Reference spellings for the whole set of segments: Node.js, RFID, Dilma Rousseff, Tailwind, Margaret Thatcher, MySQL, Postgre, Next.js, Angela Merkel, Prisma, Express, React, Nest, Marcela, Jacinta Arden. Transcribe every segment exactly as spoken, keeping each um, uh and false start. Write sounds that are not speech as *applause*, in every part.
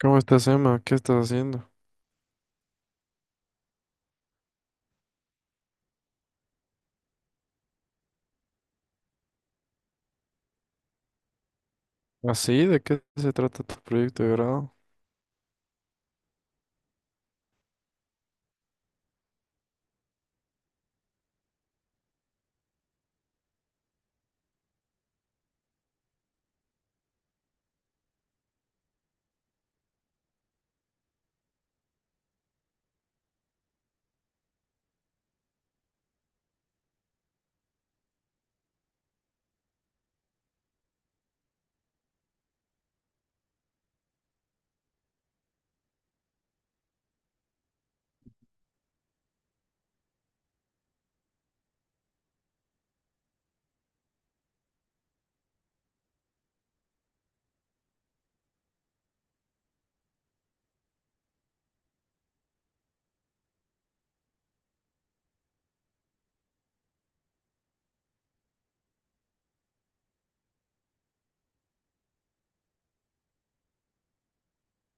¿Cómo estás, Emma? ¿Qué estás haciendo? ¿Así? ¿De qué se trata tu proyecto de grado?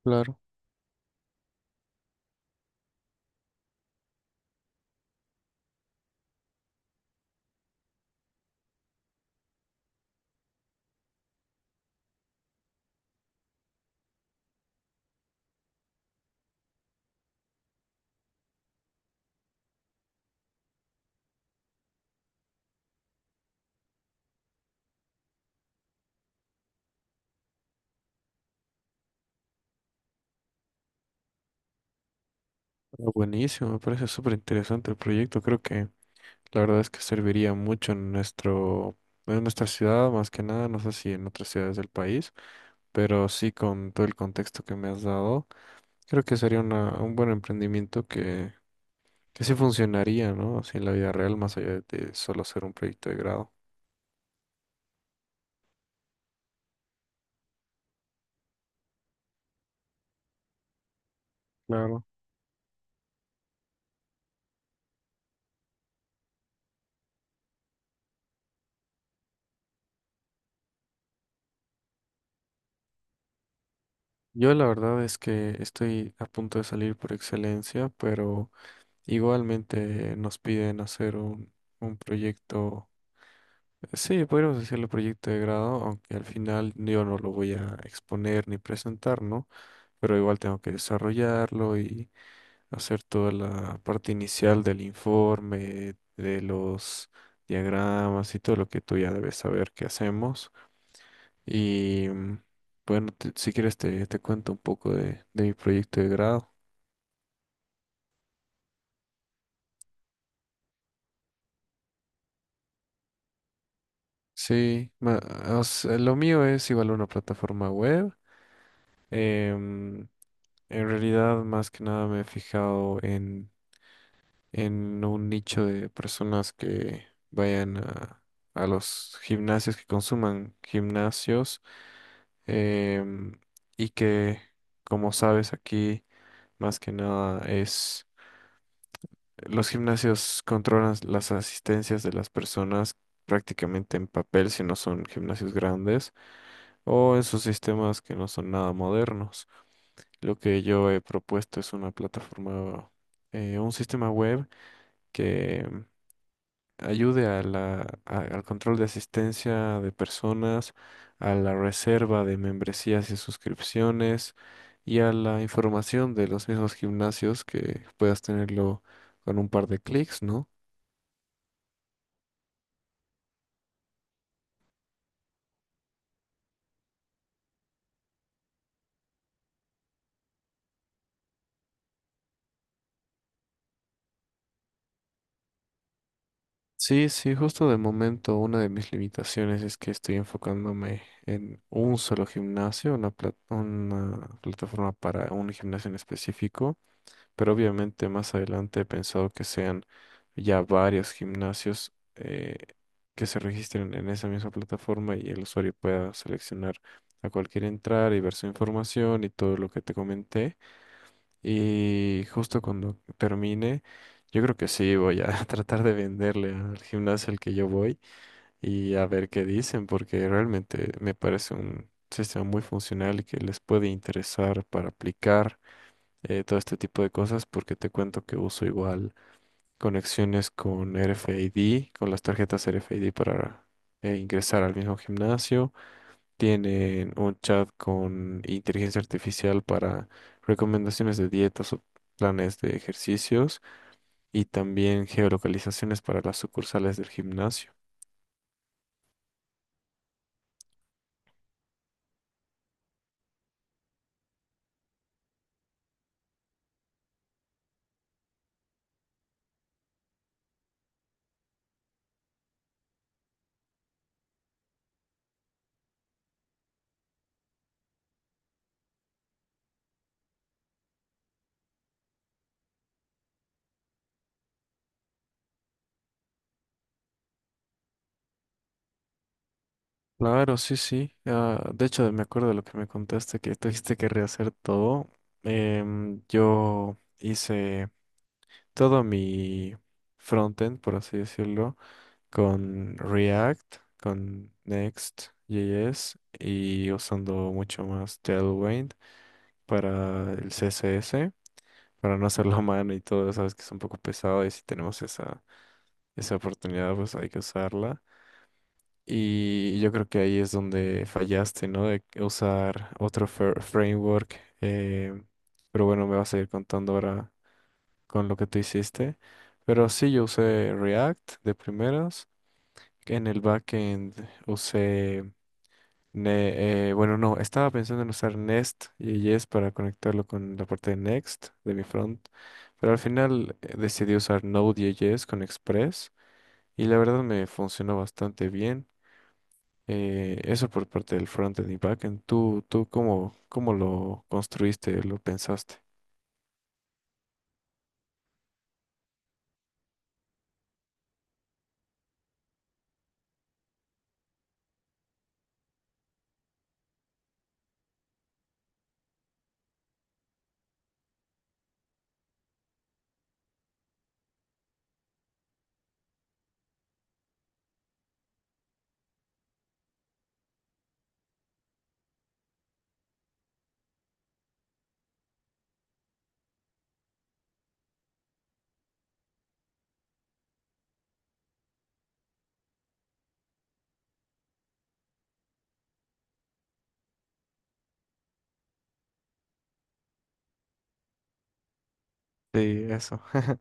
Claro. Ah, Buenísimo, me parece súper interesante el proyecto. Creo que la verdad es que serviría mucho en nuestro, en nuestra ciudad, más que nada, no sé si en otras ciudades del país, pero sí con todo el contexto que me has dado, creo que sería una, un buen emprendimiento que, que sí funcionaría, ¿no? Así en la vida real, más allá de solo ser un proyecto de grado. Claro. Yo la verdad es que estoy a punto de salir por excelencia, pero igualmente nos piden hacer un, un proyecto, sí, podríamos decirle proyecto de grado, aunque al final yo no lo voy a exponer ni presentar, ¿no? Pero igual tengo que desarrollarlo y hacer toda la parte inicial del informe, de los diagramas y todo lo que tú ya debes saber que hacemos. Y mm, bueno, te- si quieres te, te cuento un poco de, de mi proyecto de grado. Sí, ma- o sea, lo mío es igual una plataforma web. Em, en realidad, más que nada me he fijado en, en un nicho de personas que vayan a, a los gimnasios, que consuman gimnasios, em, y que, como sabes, aquí más que nada es, los gimnasios controlan las asistencias de las personas prácticamente en papel si no son gimnasios grandes o en sus sistemas que no son nada modernos. Lo que yo he propuesto es una plataforma, eh, un sistema web que ayude a la, a- al control de asistencia de personas, a la reserva de membresías y suscripciones y a la información de los mismos gimnasios que puedas tenerlo con un par de clics, ¿no? Sí, sí, justo de momento una de mis limitaciones es que estoy enfocándome en un solo gimnasio, una, pla- una plataforma para un gimnasio en específico, pero obviamente más adelante he pensado que sean ya varios gimnasios eh, que se registren en esa misma plataforma y el usuario pueda seleccionar a cualquier entrar y ver su información y todo lo que te comenté. Y justo cuando termine, yo creo que sí, voy a *laughs* tratar de venderle al gimnasio al que yo voy y a ver qué dicen, porque realmente me parece un sistema muy funcional y que les puede interesar para aplicar eh, todo este tipo de cosas, porque te cuento que uso igual conexiones con R F I D, con las tarjetas R F I D para eh, ingresar al mismo gimnasio. Tienen un chat con inteligencia artificial para recomendaciones de dietas o planes de ejercicios y también geolocalizaciones para las sucursales del gimnasio. Claro, sí, sí. Ah, de hecho, me acuerdo de lo que me contaste, que tuviste que rehacer todo. Em, yo hice todo mi frontend, por así decirlo, con React, con Next.js y usando mucho más Tailwind para el C S S, para no hacerlo a mano y todo, sabes que es un poco pesado y si tenemos esa, esa oportunidad, pues hay que usarla. Y yo creo que ahí es donde fallaste, ¿no? De usar otro fr- framework. Eh, pero bueno, me vas a ir contando ahora con lo que tú hiciste. Pero sí, yo usé React de primeras. En el backend usé, Ne- eh, bueno, no, estaba pensando en usar Nest y Yes para conectarlo con la parte de Next de mi front. Pero al final eh, decidí usar Node.js con Express y la verdad me funcionó bastante bien. Eh, eso por parte del frontend y backend. ¿Tú, tú cómo, cómo lo construiste, lo pensaste? Sí, eso. *laughs*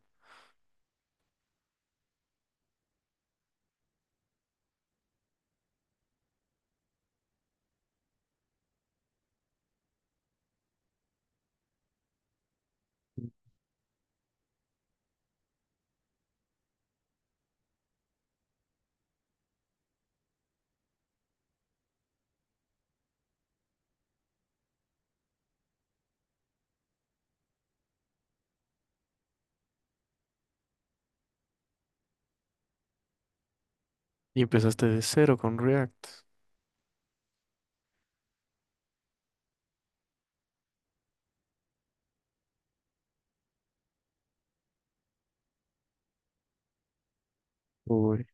Y empezaste de cero con React. Uy.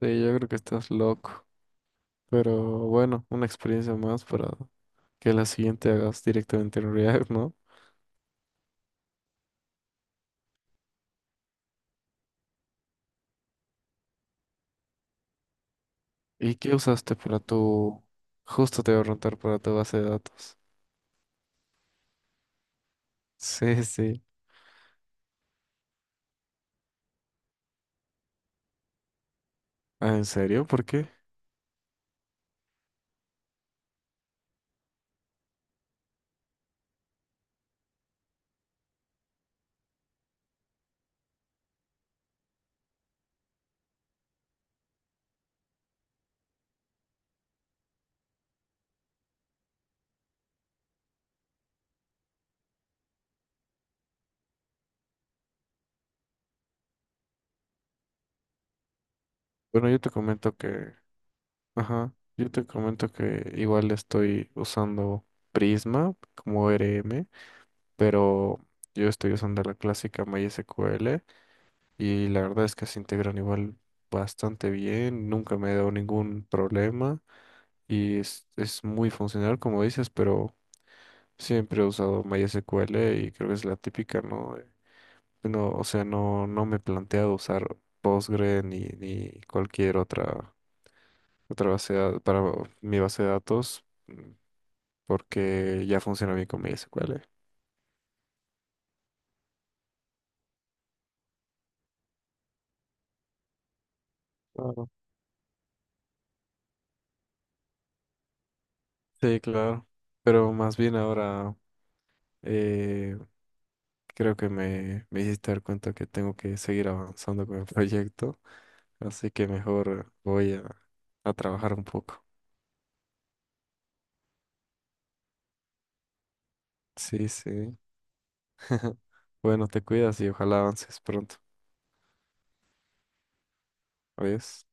Sí, yo creo que estás loco. Pero bueno, una experiencia más para que la siguiente hagas directamente en React, ¿no? ¿Y qué usaste para tu... Justo te voy a preguntar para tu base de datos. Sí, sí. Ah, ¿en serio? ¿Por qué? Bueno, yo te comento que... Ajá. Yo te comento que igual estoy usando Prisma como E R M, pero yo estoy usando la clásica MySQL y la verdad es que se integran igual bastante bien, nunca me he dado ningún problema y es, es muy funcional como dices, pero siempre he usado MySQL y creo que es la típica, ¿no? De... No, o sea, no, no me he planteado usar Postgre ni, ni cualquier otra, otra base de da- para mi base de datos, mm, porque ya funciona bien con MySQL. Claro. Sí, claro. Pero más bien ahora eh, creo que me, me hiciste dar cuenta que tengo que seguir avanzando con el proyecto, así que mejor voy a, a trabajar un poco. Sí, sí. Bueno, te cuidas y ojalá avances pronto. Adiós.